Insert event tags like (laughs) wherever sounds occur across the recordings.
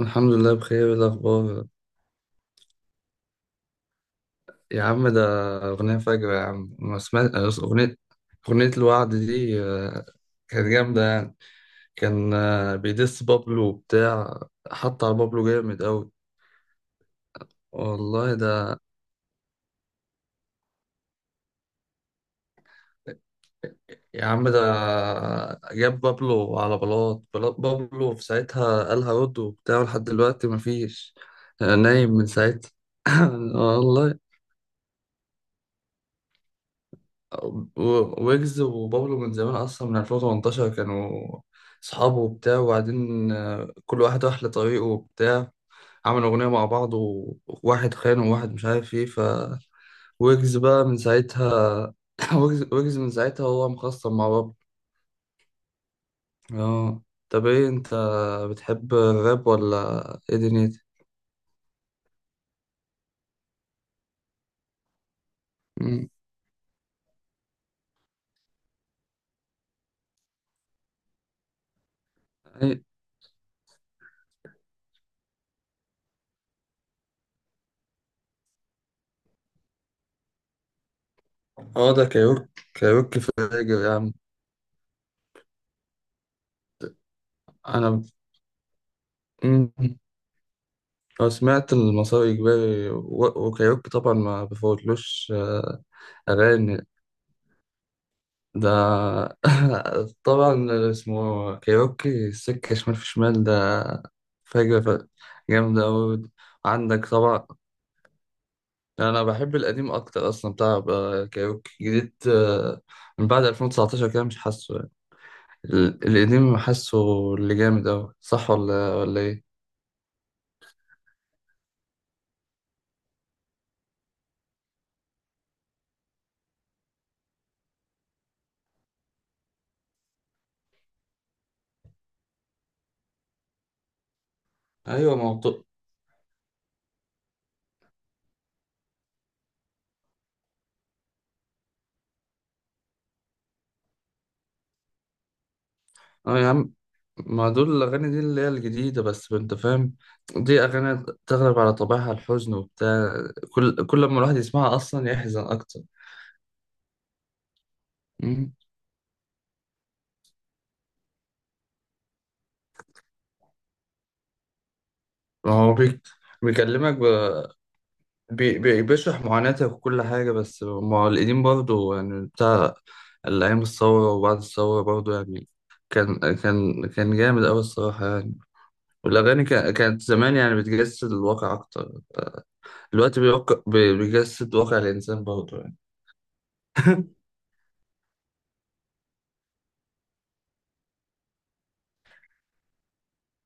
الحمد لله بخير. إيه الأخبار؟ يا عم ده أغنية فجرة، يا عم. ما سمعت أغنية أغنية الوعد دي؟ كانت جامدة يعني. كان بيدس بابلو وبتاع. حط على بابلو جامد أوي. والله ده. يا عم ده جاب بابلو على بلاط، بابلو في ساعتها قال هرد وبتاع، لحد دلوقتي مفيش. نايم من ساعتها. (laughs) والله. ويجز وبابلو من زمان اصلا، من 2018 كانوا صحابه وبتاع. وبعدين كل واحد راح لطريقه وبتاع. عملوا اغنيه مع بعض، وواحد خان وواحد مش عارف ايه، ف ويجز بقى من ساعتها. (laughs) ويجز من ساعتها هو مخصم مع بابلو. اه. طب ايه انت؟ بتحب الراب ولا ايه دنيتك؟ مم. أي-. اه، ده كايروكي. كايروكي في الراجل يا عم. انا. مم. أنا سمعت المسار إجباري وكايروكي، طبعا ما بفوتلوش. أغاني ده. (laughs) طبعا اسمه كايروكي، السكة شمال في شمال، ده فجرة. ف-. جامدة أوي. عندك طبعا. أنا بحب القديم أكتر أصلا، بتاع كايروكي جديد، من بعد 2019 كده مش حاسه يعني. القديم حاسه اللي جامد أوي. صح ولا إيه؟ أيوة موضوع. اه يا عم، ما دول الأغاني دي اللي هي الجديدة، بس أنت فاهم. دي أغاني تغلب على طبعها الحزن وبتاع. كل لما الواحد يسمعها أصلا يحزن أكتر. مم. ما هو بيك، بيكلمك ب... بي... بي... بيشرح معاناتك وكل حاجة. بس ما هو القديم برضه يعني، بتاع الأيام الثورة وبعد الثورة برضه يعني. كان جامد أوي الصراحة يعني. والأغاني كانت زمان يعني بتجسد الواقع أكتر. دلوقتي بيجسد واقع الإنسان برضه يعني. (laughs)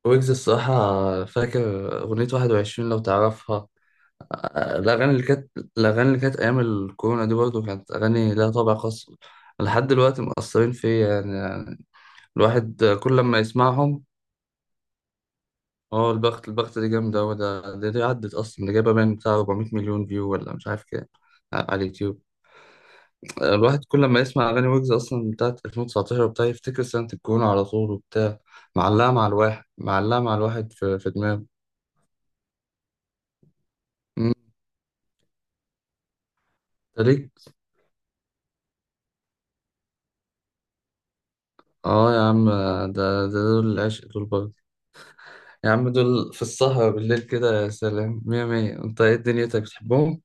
ويجز الصراحة، فاكر أغنية 21 لو تعرفها. آه، الأغاني اللي كانت الأغاني اللي كانت أيام الكورونا دي برضه، كانت أغاني لها طابع خاص. لحد دلوقتي مأثرين فيا يعني، الواحد كل لما يسمعهم. هو البخت دي جامدة أوي. ده دي عدت أصلا، دي جايبة باين بتاع 400 مليون فيو، ولا مش عارف كام، على اليوتيوب. الواحد كل لما يسمع أغاني ويجز أصلا بتاعت 2019 وبتاع، يفتكر سنة الكورونا على طول وبتاع. معلقة مع الواحد في دماغه. مم. ليك. اه يا عم، ده دول العشق دول برضه. يا عم، دول في السهرة بالليل كده يا سلام، مية مية. انت ايه دنيتك، بتحبهم؟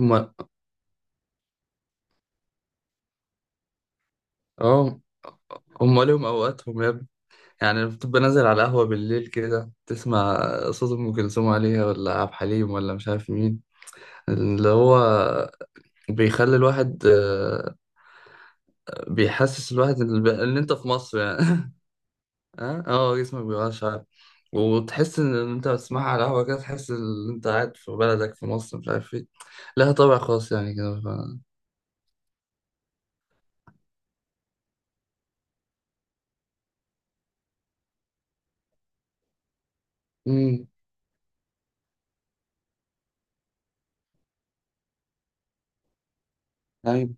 هما. اه، هما ليهم اوقاتهم يا ابني. يعني بتبقى نازل على القهوة بالليل كده، تسمع صوت ام كلثوم عليها، ولا عبد الحليم، ولا مش عارف مين، اللي هو بيخلي الواحد، بيحسس الواحد إن انت في مصر يعني. (laughs) اه، اه، جسمك بيبقى شعر. وتحس ان انت بتسمعها على قهوه كده، تحس ان انت قاعد في بلدك في مصر، مش عارف ايه. لها طابع خاص يعني كده. ف-. امم. ايوه.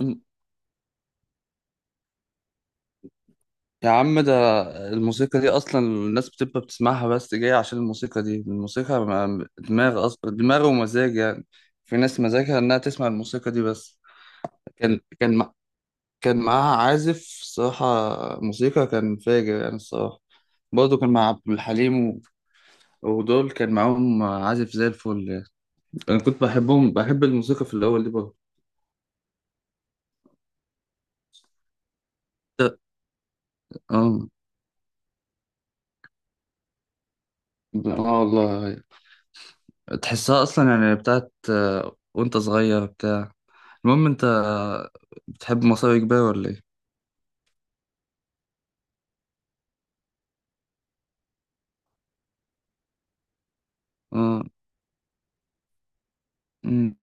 أمم. يا عم ده الموسيقى دي اصلا الناس بتبقى بتسمعها، بس جاية عشان الموسيقى دي. الموسيقى دماغ، دماغ ومزاج يعني. في ناس مزاجها انها تسمع الموسيقى دي بس. كان كان مع- كان معاها عازف الصراحة موسيقى، كان فاجر يعني الصراحة. برضه كان مع عبد الحليم، ودول كان معاهم عازف زي الفل يعني. انا كنت بحبهم، بحب الموسيقى في الاول دي برضه. اه، اه، والله. تحسها اصلا يعني بتاعت، وانت صغير بتاع المهم انت، بتحب مصاري كبير ولا ايه؟ اه. أمم.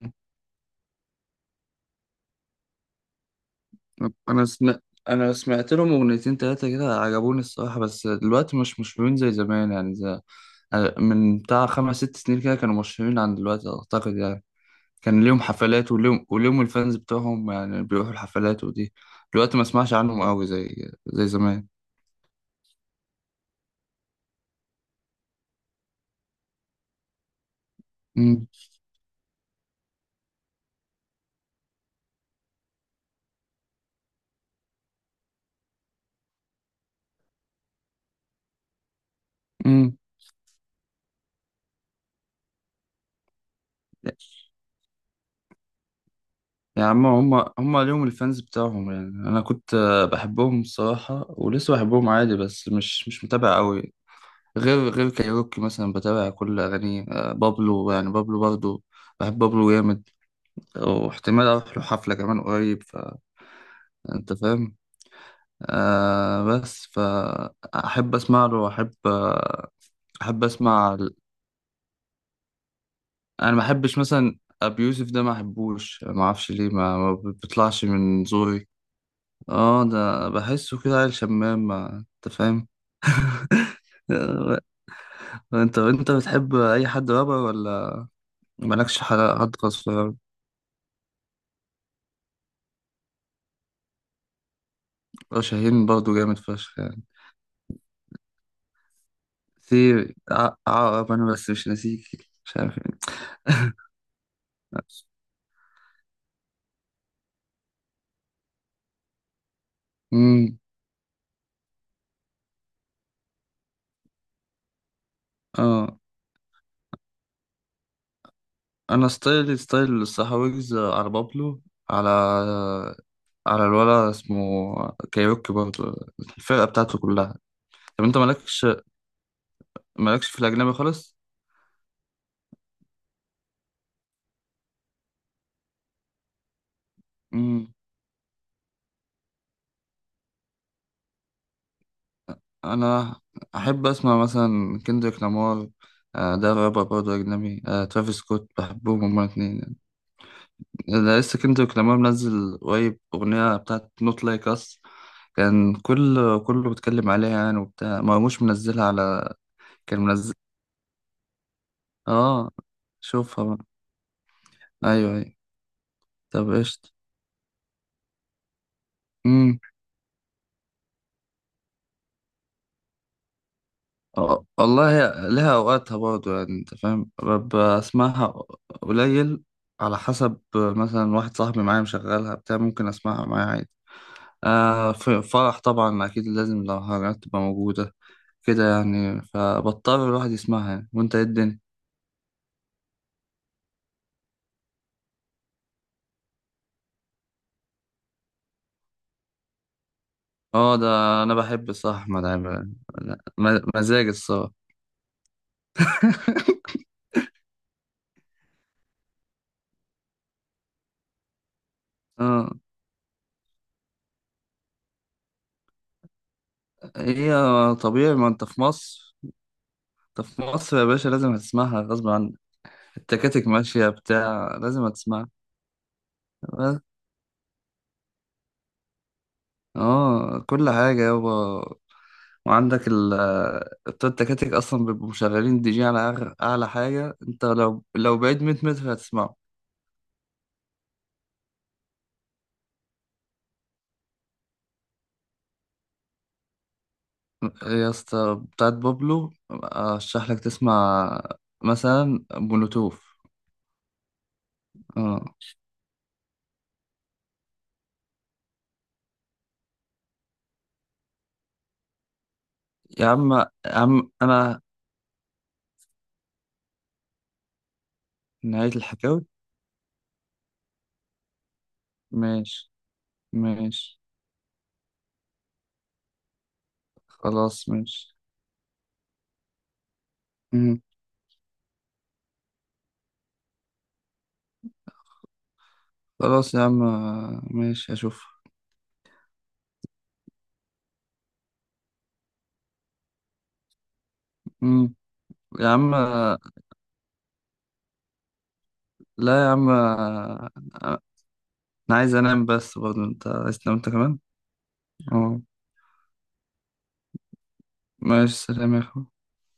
انا سمعت انا سمعت لهم اغنيتين تلاتة كده، عجبوني الصراحة. بس دلوقتي مش مشهورين زي زمان يعني، زي... من بتاع خمس ست سنين كده كانوا مشهورين عن دلوقتي اعتقد يعني. كان ليهم حفلات، وليهم الفانز بتوعهم، يعني بيروحوا الحفلات ودي. دلوقتي ما اسمعش عنهم قوي زي زمان. امم، امم. يا عم، هم ليهم الفانز بتاعهم يعني. انا كنت، بحبهم الصراحة، ولسه بحبهم عادي، بس مش متابع قوي. غير كايروكي مثلا، بتابع كل اغانيه. بابلو يعني، بابلو برضو، بحب بابلو جامد. واحتمال اروح له حفلة كمان قريب. فانت فاهم. آه، بس فأحب أسمع له، وأحب، أحب أسمع أنا ما أحبش مثلا أبي يوسف ده، ما أحبوش، ما أعرفش ليه، ما بيطلعش من زوري. آه، ده بحسه كده عيل شمام، ما أنت فاهم. آه، أنت بتحب أي حد رابر؟ ولا مالكش حد خاص في الراب؟ شاهين برضه جامد فشخ يعني. سيري، عقرب، أنا بس مش ناسيك، مش عارف إيه. (laughs) مم. آه. انا ستايلي ستايل السحاويجز، على بابلو، على على الولا اسمه كايروكي برضه، الفرقه بتاعته كلها. طب انت مالكش في الاجنبي خالص؟ امم. انا احب اسمع مثلا كندريك لامار، ده رابر برضه اجنبي، ترافيس سكوت. بحبهم هما الاتنين يعني. ده لسه كندريك لامار منزل قريب اغنيه بتاعت نوت لايك اس، كان كل كله بيتكلم عليها يعني وبتاع، مرموش منزلها على، كان منزل. اه، شوفها بقى. ايوه، ايوه. طب قشطة. امم. أه، والله هي لها اوقاتها برضه يعني، انت فاهم، ببقى اسمعها قليل. على حسب، مثلا واحد صاحبي معايا مشغلها بتاع ممكن اسمعها معايا عادي. آه، في فرح طبعا اكيد لازم، لو حاجات تبقى موجودة كده يعني، فبضطر الواحد يسمعها يعني. وانت ايه الدنيا؟ اه، ده انا بحب الصراحة احمد عامر. لا، مزاج الصراحة. (laughs) اه. هي. طبيعي، ما انت في مصر. انت في مصر يا باشا، لازم هتسمعها غصب عنك. التكاتك ماشية بتاع لازم هتسمعها. اه، كل حاجة يابا. وعندك ال بتوع التكاتك أصلا بيبقوا مشغلين دي جي على أعلى حاجة. أنت لو بعيد 100 متر هتسمعه. يا اسطى، بتاعت بابلو أرشح لك تسمع مثلا بلوتوف. اه يا عم، يا عم أنا. نهاية الحكاوي. ماشي، ماشي. خلاص، ماشي. مم. خلاص يا عم، ماشي أشوف. مم. يا عم. لا يا عم، انا عايز انام، بس برضه انت عايز تنام انت كمان. اه، ماشي، سلام يا اخوي.